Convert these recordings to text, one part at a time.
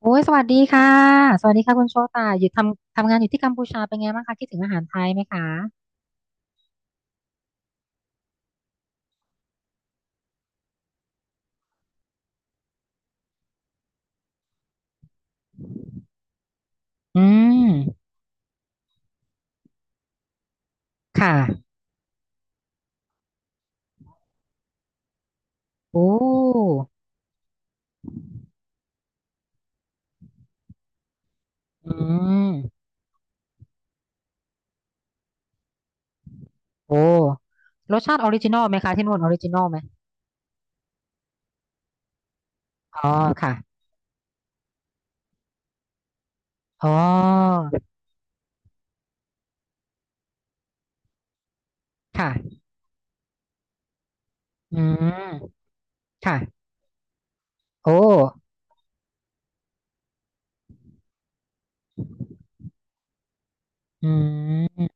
โอ้ยสวัสดีค่ะสวัสดีค่ะคุณโชตาอยู่ทำงานอยู่ที่กัมพูชาเป็นไงบ้างคะคิดถึงอาหารไทยไหมคะอืมค่ะโอ้อืมโอ้รสชาติออริจินอลไหมคะที่นู่นออริจินอลไหมอ๋อค่ะอ๋อค่ะอืมค่ะโอ้อืม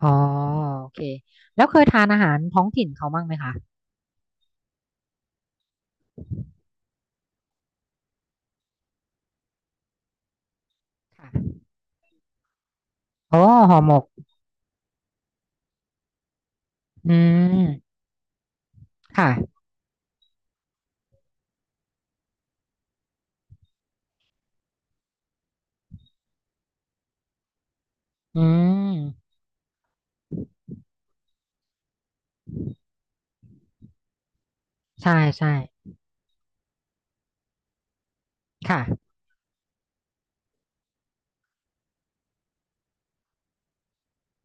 อ๋อโอเคแล้วเคยทานอาหารท้องถิ่นเขาบ้างไหมคะค่ะโอ้ห่อหมกอืมค่ะอืมใช่ใช่ค่ะ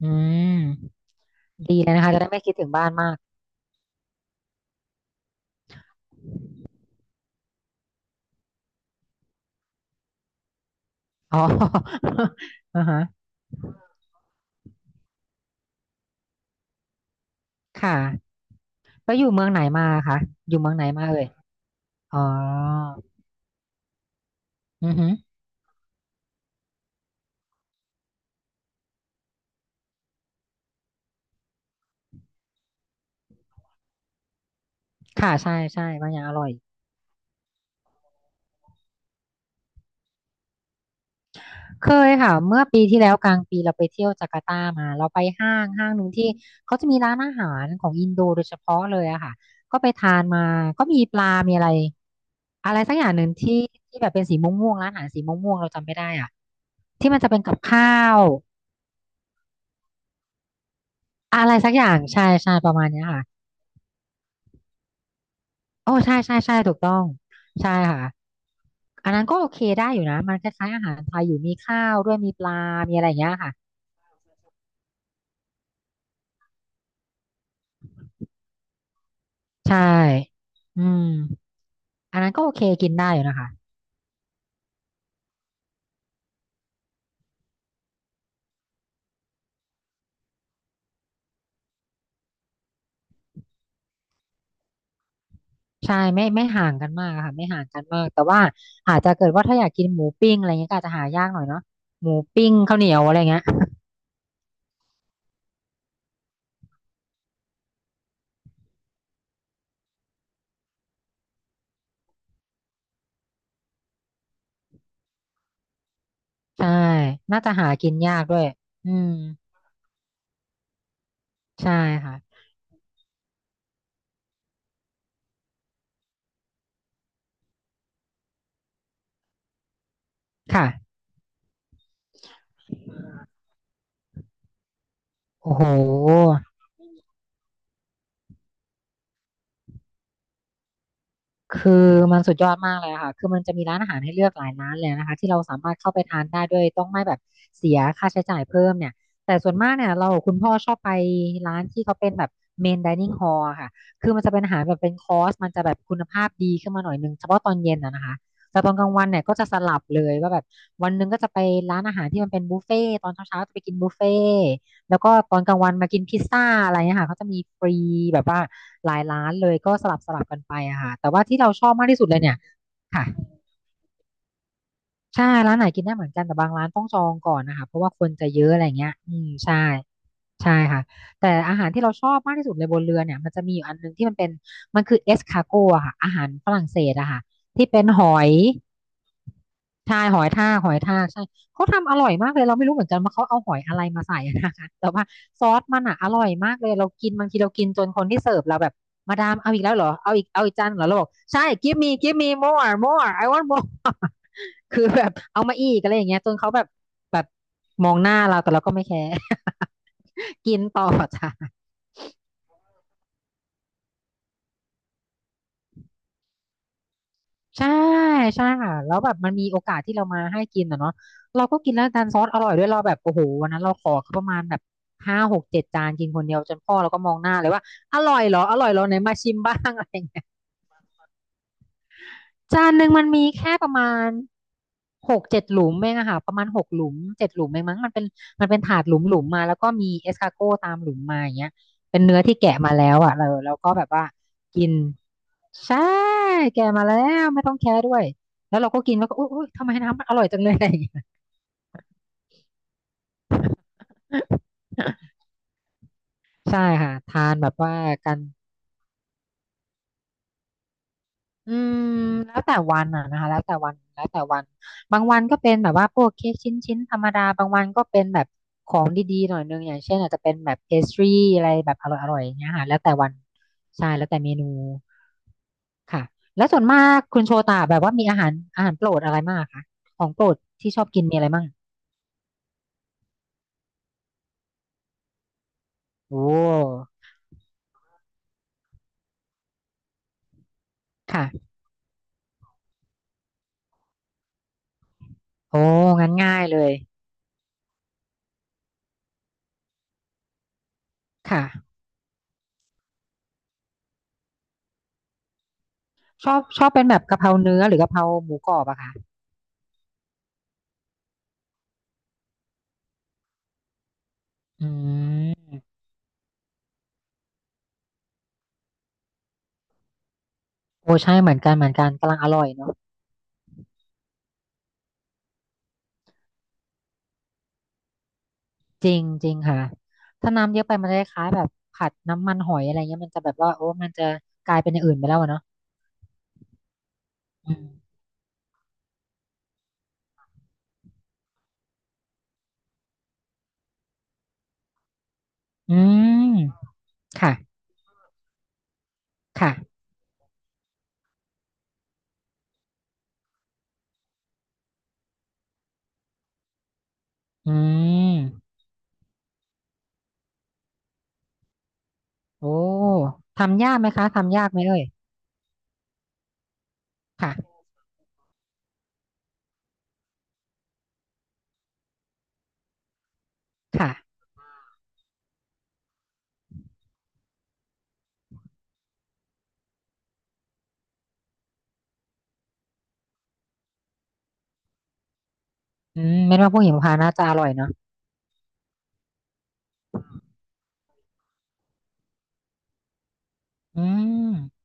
อืม ดีเลยนะคะจะได้ไม่คิดถึงบ้านมากอ๋อ อ่าฮะค่ะแล้วอยู่เมืองไหนมาคะอยู่เมืองไหนมาเอ่ยอ๋ออือฮึค่ะใช่ใช่บางอย่างอร่อย เคยค่ะ เมื่อปีที่แล้วกลางปีเราไปเที่ยวจาการ์ตามาเราไปห้างหนึ่งที่เขาจะมีร้านอาหารของอินโดโดยเฉพาะเลยอะค่ะก็ไปทานมาก็มีปลามีอะไรอะไรสักอย่างหนึ่งที่ที่แบบเป็นสีม่วงม่วงร้านอาหารสีม่วงม่วงเราจำไม่ได้อะที่มันจะเป็นกับข้าวอะไรสักอย่างใช่ใช่ประมาณเนี้ยค่ะ โอ้ใช่ใช่ใช่ถูกต้องใช่ค่ะอันนั้นก็โอเคได้อยู่นะมันคล้ายๆอาหารไทยอยู่มีข้าวด้วยมีปลามีอะไรอย่างเงี้ยค่ะใช่อืมอันนั้นก็โอเคกินได้อยู่นะคะใช่ไม่ไม่ห่างกันมากอะค่ะไม่ห่างกันมากแต่ว่าอาจจะเกิดว่าถ้าอยากกินหมูปิ้งอะไรเงี้ยก็อาจจะหายากหน่อยเนาะหมูปิ้งข้าวเหนียวอะไรเงี้ยใช่น่าจะหากินยากด้วยอืมใช่ค่ะค่ะโอ้โห คือมันสุดยอดมากเลยอะค่ะคือมันจะมีร้านอาหารให้เลือกหลายร้านเลยนะคะที่เราสามารถเข้าไปทานได้ด้วยต้องไม่แบบเสียค่าใช้จ่ายเพิ่มเนี่ยแต่ส่วนมากเนี่ยเราคุณพ่อชอบไปร้านที่เขาเป็นแบบเมนไดนิ่งฮอลค่ะคือมันจะเป็นอาหารแบบเป็นคอร์สมันจะแบบคุณภาพดีขึ้นมาหน่อยนึงเฉพาะตอนเย็นอะนะคะ แต่ตอนกลางวันเนี่ยก็จะสลับเลยว่าแบบวันหนึงก็จะไปร้านอาหารที่มันเป็นบุฟเฟ่ต์ตอนเช้าๆจะไปกินบุฟเฟ่ แล้วก็ตอนกลางวันมากินพิซซ่าอะไรเนี่ยค่ะเขาจะมีฟรีแบบว่าหลายร้านเลยก็สลับกันไปอะค่ะแต่ว่าที่เราชอบมากที่สุดเลยเนี่ยค่ะใช่ร้านไหนกินได้เหมือนกันแต่บางร้านต้องจองก่อนนะคะเพราะว่าคนจะเยอะอะไรเงี้ยอืมใช่ใช่ค่ะแต่อาหารที่เราชอบมากที่สุดเลยบนเรือเนี่ยมันจะมีอยู่อันนึงที่มันเป็นมันคือเอสคาโกอะค่ะอาหารฝรั่งเศสอะค่ะที่เป็นหอย ใช่หอยทากหอยทากใช่เขาทำอร่อยมากเลยเราไม่รู้เหมือนกันว่าเขาเอาหอยอะไรมาใส่นะคะ แต่ว่าซอสมันอ่ะอร่อยมากเลยเรากินบางทีเรากินจนคนที่เสิร์ฟเราแบบมาดามเอาอีกแล้วเหรอเอาอีกเอาอีกจานเหรอเราบอกใช่ give me give me more more I want more คือแบบเอามาอีกอะไรอย่างเงี้ยจนเขาแบบแบบมองหน้าเราแต่เราก็ไม่แคร์ กินต่อจ้ะ ใช่ใช่ค่ะแล้วแบบมันมีโอกาสที่เรามาให้กินอ่ะเนาะเราก็กินแล้วดันซอสอร่อยด้วยเราแบบโอ้โหวันนั้นเราขอเขาประมาณแบบห้าหกเจ็ดจานกินคนเดียวจนพ่อเราก็มองหน้าเลยว่าอร่อยเหรออร่อยเหรอไหนมาชิมบ้าง อะไรอย่างเงี้ย จานหนึ่งมันมีแค่ประมาณหกเจ็ดหลุมเองอะค่ะประมาณหกหลุมเจ็ดหลุมเองมั้งมันเป็นมันเป็นถาดหลุมมาแล้วก็มีเอสคาโก้ตามหลุมมาอย่างเงี้ยเป็นเนื้อที่แกะมาแล้วอะเราก็แบบว่ากินใช่แกะมาแล้วไม่ต้องแคะด้วยแล้วเราก็กินแล้วก็อุ๊ยอุ๊ยทำไมน้ำมันอร่อยจังเลยอะไรอย่างเงี้ย ใช่ค่ะทานแบบว่ากัน อืมแล้วแต่วันอ่ะนะคะแล้วแต่วันแล้วแต่วันบางวันก็เป็นแบบว่าพวกเค้กชิ้นชิ้นธรรมดาบางวันก็เป็นแบบของดีๆหน่อยนึงอย่างเช่นอาจจะเป็นแบบเพสทรีอะไรแบบอร่อยๆอย่างเงี้ยค่ะแล้วแต่วันใช่แล้วแต่เมนูค่ะแล้วส่วนมากคุณโชตาแบบว่ามีอาหารอาหารโปรดอะไรมากคะของโปรดที่ชอบกินมีอะไรมั่งโอ้ค่ะโอ้งั้นง่ายเลยค่ะชอบชอบเป็นแบบกะเพราเนื้อหรือกะเพราหมูกรอบอะค่ะอืมโอ้ใช่เหมือนกันเหมือนกันกำลังอร่อยเนาะ จริงจริงค่ะถ้าน้ำเยอะไปมันจะคล้ายๆแบบผัดน้ำมันหอยอะไรเงี้ยมันจะแบบว่าโอ้มันจะกลายเป็นอย่างอื่นไปแล้วอะเนาะอืมอืมค่ะค่ะอืมโอ้ทำยากไหมคะทำยากไหมเอ่ยค่ะค่ะอืมไม่ว่าพวกหิมพานต์น่าจะอร่อยเนาะอืม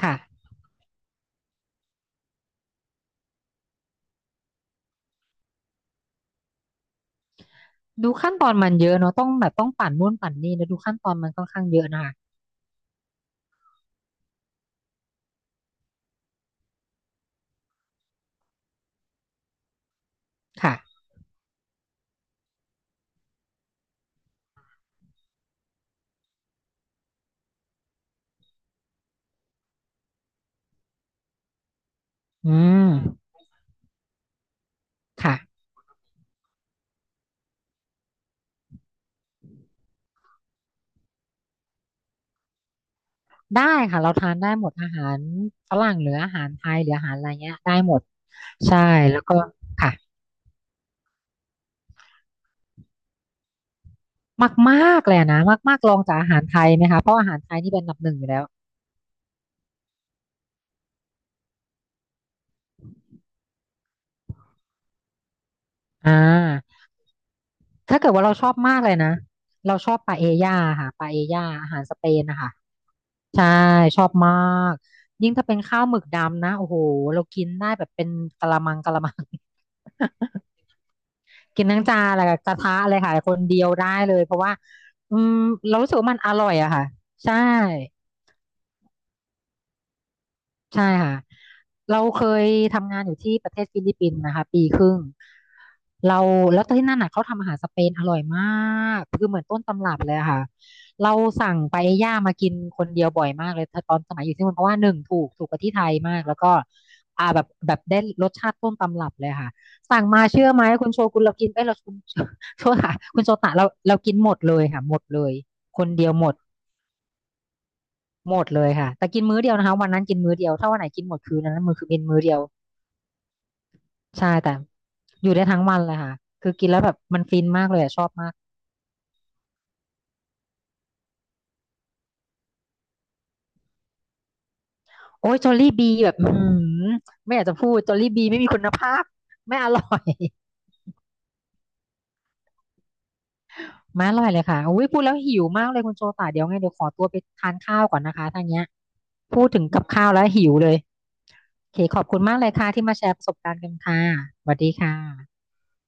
ค่ะดูขั้นตอนมันเยอะเนาะต้องแบบต้องปั่นนู่นปั่นนี่แล้วดูขั้นตอนมันค่อนข้างเยอะนะคะค่ะอืมค่ะได้ค่ะเราทานได้หมดอาหารฝรั่งหรืออาหารไทยหรืออาหารอะไรเงี้ยได้หมด ใช่แล้วก็ค่ะมากๆเลยอะนะมากๆลองจากอาหารไทยไหมคะเพราะอาหารไทยนี่เป็นอันดับหนึ่งอยู่แล้วอ่าถ้าเกิดว่าเราชอบมากเลยนะเราชอบปาเอญ่าค่ะปาเอญ่าอาหารสเปนนะคะใช่ชอบมากยิ่งถ้าเป็นข้าวหมึกดำนะโอ้โหเรากินได้แบบเป็นกะละมังกะละมัง กินทั้งจานอะไรกระทะเลยค่ะคนเดียวได้เลยเพราะว่าอืมเรารู้สึกว่ามันอร่อยอะค่ะใช่ ใช่ค่ะเราเคยทำงานอยู่ที่ประเทศฟิลิปปินส์นะคะปีครึ่งเราแล้วที่นั่นน่ะเขาทำอาหารสเปนอร่อยมากคือเหมือนต้นตำรับเลยอะค่ะเราสั่งปาเอญ่ามากินคนเดียวบ่อยมากเลยตอนสมัยอยู่ที่นู่นเพราะว่าหนึ่งถูกถูกกว่าที่ไทยมากแล้วก็แบบได้รสชาติต้นตำรับเลยค่ะสั่งมาเชื่อไหมคุณโชกุนเรากินเอ้ยเราคุณโชตะคุณโชตะเราเรากินหมดเลยค่ะหมดเลยคนเดียวหมด หมดเลยค่ะแต่กินมื้อเดียวนะคะวันนั้นกินมื้อเดียวถ้าวันไหนกินหมดคืนนั้นมือคือเป็นมื้อเดียวใช่แต่อยู่ได้ทั้งวันเลยค่ะคือกินแล้วแบบมันฟินมากเลยอะชอบมากโอ้ยจอลลี่บีแบบอื้อหือไม่อยากจะพูดจอลลี่บีไม่มีคุณภาพไม่อร่อย ไม่อร่อยเลยค่ะอุ้ยพูดแล้วหิวมากเลยคุณโชตาเดี๋ยวไงเดี๋ยวขอตัวไปทานข้าวก่อนนะคะทางเนี้ยพูดถึงกับข้าวแล้วหิวเลยโอเคขอบคุณมากเลยค่ะที่มาแชร์ประสบการณ์กันค่ะสวัสดีค่ะ